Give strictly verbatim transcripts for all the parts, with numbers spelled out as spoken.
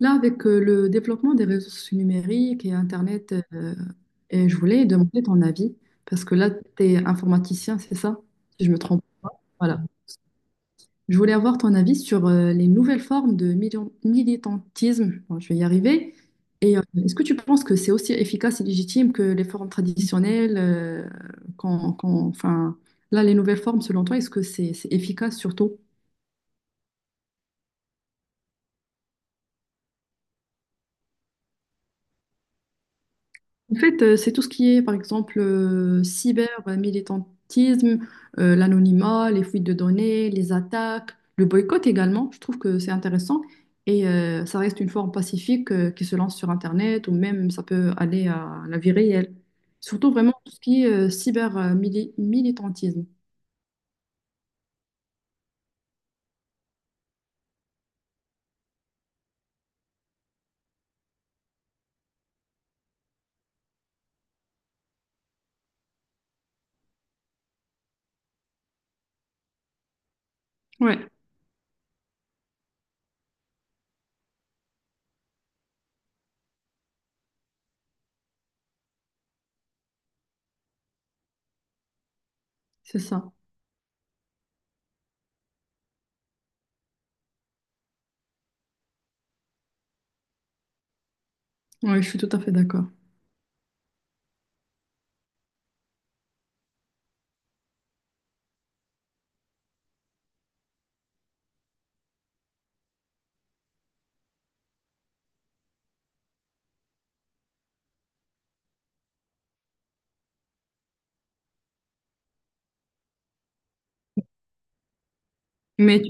Là, avec euh, le développement des réseaux sociaux numériques et Internet, euh, et je voulais demander ton avis, parce que là, tu es informaticien, c'est ça? Si je me trompe. Voilà. Je voulais avoir ton avis sur euh, les nouvelles formes de milion- militantisme. Bon, je vais y arriver. Et euh, est-ce que tu penses que c'est aussi efficace et légitime que les formes traditionnelles euh, qu'on- qu'on- enfin, là, les nouvelles formes, selon toi, est-ce que c'est c'est efficace surtout? En fait, euh, c'est tout ce qui est, par exemple, euh, cyber, euh, militantisme, euh, l'anonymat, les fuites de données, les attaques, le boycott également. Je trouve que c'est intéressant et euh, ça reste une forme pacifique euh, qui se lance sur Internet ou même ça peut aller à la vie réelle. Surtout vraiment tout ce qui est euh, cyber euh, mili- militantisme. Ouais, c'est ça. Ouais, je suis tout à fait d'accord. Mais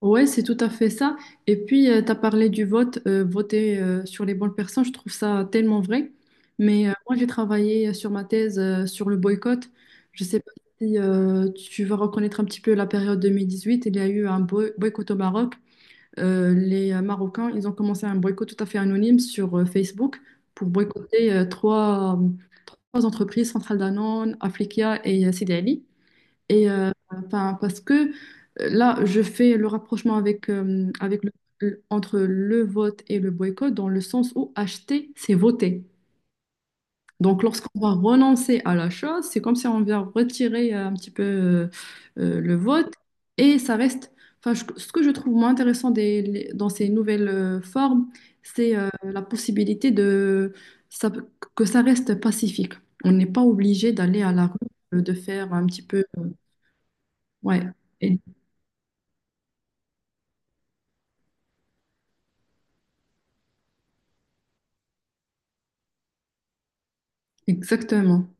ouais, c'est tout à fait ça. Et puis, tu as parlé du vote, euh, voter euh, sur les bonnes personnes, je trouve ça tellement vrai. Mais euh, moi, j'ai travaillé euh, sur ma thèse euh, sur le boycott. Je sais pas si euh, tu vas reconnaître un petit peu la période deux mille dix-huit. Il y a eu un boy- boycott au Maroc. Euh, les euh, Marocains, ils ont commencé un boycott tout à fait anonyme sur euh, Facebook pour boycotter euh, trois, trois entreprises, Centrale Danone, Africa et euh, Sidi Ali. Et euh, enfin, parce que euh, là, je fais le rapprochement avec, euh, avec le- le- entre le vote et le boycott dans le sens où acheter, c'est voter. Donc, lorsqu'on va renoncer à la chose, c'est comme si on vient retirer euh, un petit peu euh, euh, le vote et ça reste. Enfin, je- ce que je trouve moins intéressant des- les- dans ces nouvelles euh, formes, c'est euh, la possibilité de ça- que ça reste pacifique. On n'est pas obligé d'aller à la rue, euh, de faire un petit peu. Ouais. Exactement.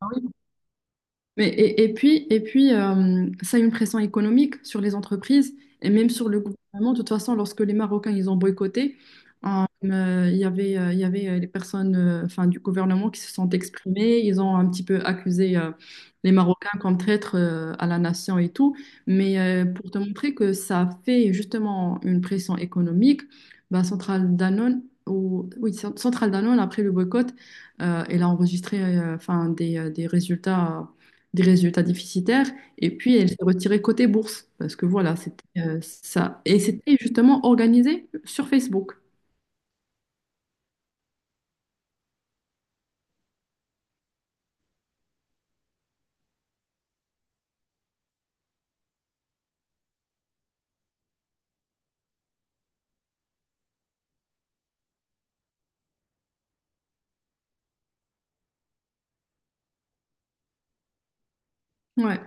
Ah oui, mais, et, et puis, et puis euh, ça a une pression économique sur les entreprises et même sur le gouvernement. De toute façon, lorsque les Marocains ils ont boycotté, euh, euh, il y avait, euh, il y avait euh, les personnes euh, enfin, du gouvernement qui se sont exprimées. Ils ont un petit peu accusé euh, les Marocains comme traîtres euh, à la nation et tout. Mais euh, pour te montrer que ça fait justement une pression économique, bah, Centrale Danone, ou, oui, Centrale Danone, après le boycott, euh, elle a enregistré euh, enfin, des, euh, des résultats des résultats déficitaires, et puis elle s'est retirée côté bourse, parce que voilà, c'était euh, ça. Et c'était justement organisé sur Facebook. Ouais,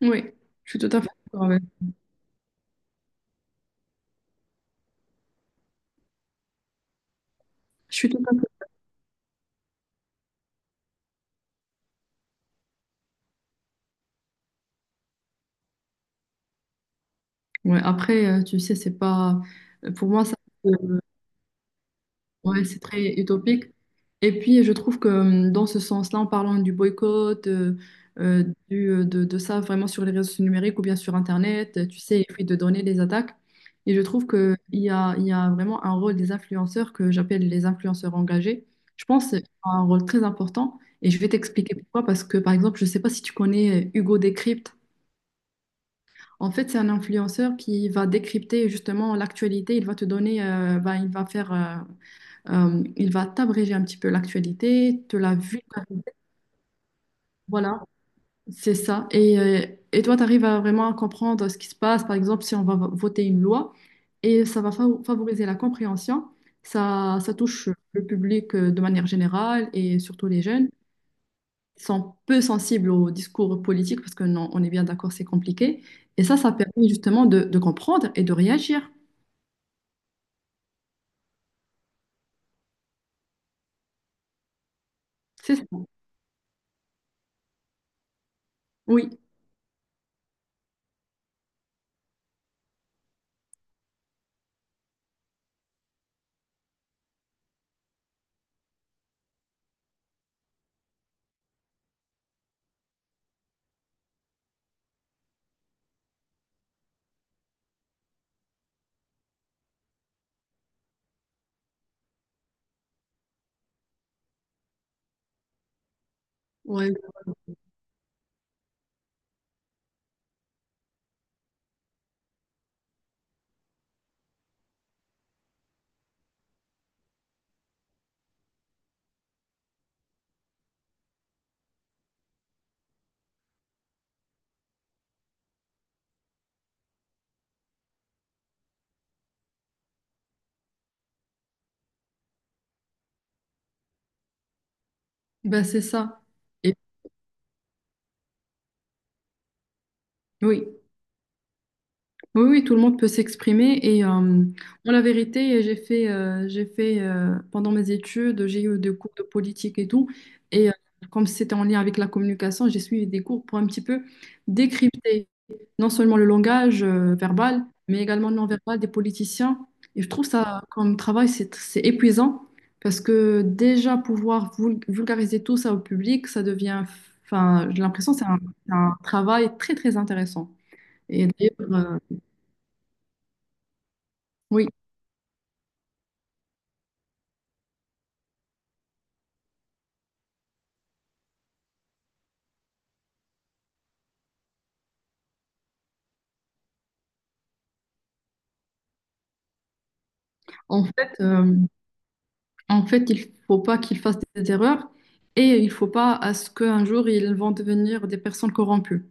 oui, je suis tout à fait d'accord avec. Je suis tout à fait. Ouais, après, euh, tu sais, c'est pas. Pour moi, ça. Ouais, c'est très utopique. Et puis, je trouve que euh, dans ce sens-là, en parlant du boycott, euh, euh, du- euh, de, de ça vraiment sur les réseaux numériques ou bien sur Internet, euh, tu sais, les fuites de donner les attaques. Et je trouve qu'il y a, il y a vraiment un rôle des influenceurs que j'appelle les influenceurs engagés. Je pense qu'ils ont un rôle très important. Et je vais t'expliquer pourquoi. Parce que, par exemple, je ne sais pas si tu connais euh, Hugo Décrypte. En fait, c'est un influenceur qui va décrypter justement l'actualité. Il va te donner, euh, bah, il va faire. euh, euh, il va t'abréger un petit peu l'actualité, te la vulgariser. Voilà, c'est ça. Et, euh, et toi, tu arrives à vraiment comprendre ce qui se passe. Par exemple, si on va vo- voter une loi, et ça va fav- favoriser la compréhension. Ça, ça touche le public euh, de manière générale et surtout les jeunes. Ils sont peu sensibles au discours politique parce que non, on est bien d'accord, c'est compliqué. Et ça, ça permet justement de, de comprendre et de réagir. C'est ça. Oui. Ouais. Ben, c'est ça. Et, oui. Oui, oui, tout le monde peut s'exprimer et euh, moi, la vérité, j'ai fait, euh, j'ai fait euh, pendant mes études, j'ai eu des cours de politique et tout et euh, comme c'était en lien avec la communication, j'ai suivi des cours pour un petit peu décrypter non seulement le langage euh, verbal, mais également le non-verbal des politiciens. Et je trouve ça comme travail, c'est, c'est épuisant parce que déjà pouvoir vul- vulgariser tout ça au public, ça devient, enfin, j'ai l'impression que c'est un, c'est un travail très, très intéressant. Et d'ailleurs, euh, oui. En fait, euh, en fait, il faut pas qu'ils fassent des erreurs et il faut pas à ce qu'un jour ils vont devenir des personnes corrompues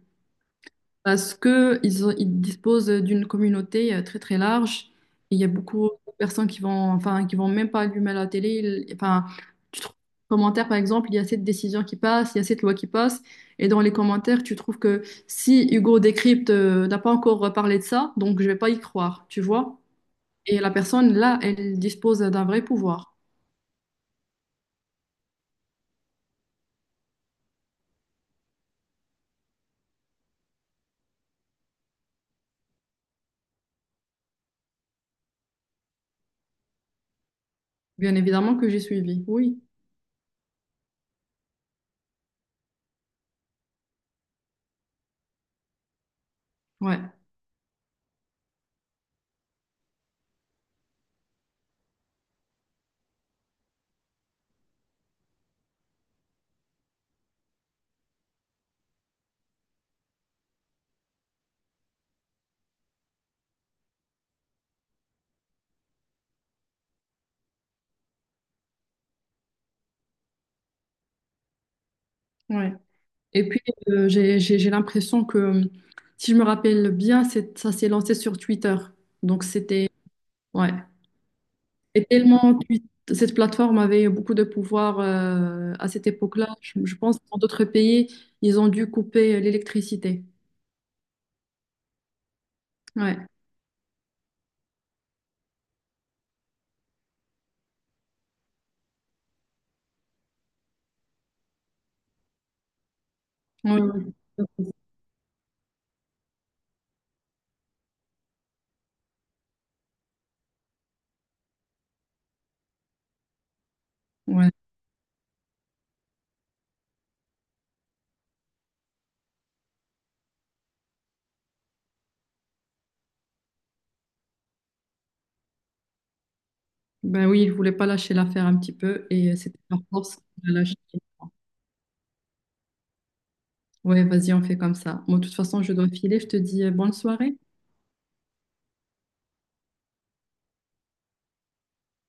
parce que ils, ont- ils disposent d'une communauté euh, très très large. Il y a beaucoup de personnes qui vont, enfin, qui vont même pas allumer la télé. Ils- enfin, tu trouves dans les commentaires par exemple, il y a cette décision qui passe, il y a cette loi qui passe et dans les commentaires tu trouves que si Hugo Décrypte euh, n'a pas encore parlé de ça, donc je vais pas y croire, tu vois? Et la personne là, elle dispose d'un vrai pouvoir. Bien évidemment que j'ai suivi, oui, ouais, ouais. Et puis euh, j'ai j'ai j'ai l'impression que euh, si je me rappelle bien, c'est- ça s'est lancé sur Twitter. Donc c'était ouais. Et tellement Twi- cette plateforme avait beaucoup de pouvoir euh, à cette époque-là. Je, je pense que dans d'autres pays, ils ont dû couper euh, l'électricité. Ouais. Ouais, ouais. Ouais. Ben oui, ils ne voulaient pas lâcher l'affaire un petit peu et c'était par force qu'on a lâché. Ouais, vas-y, on fait comme ça. Moi, de toute façon, je dois filer. Je te dis euh, bonne soirée.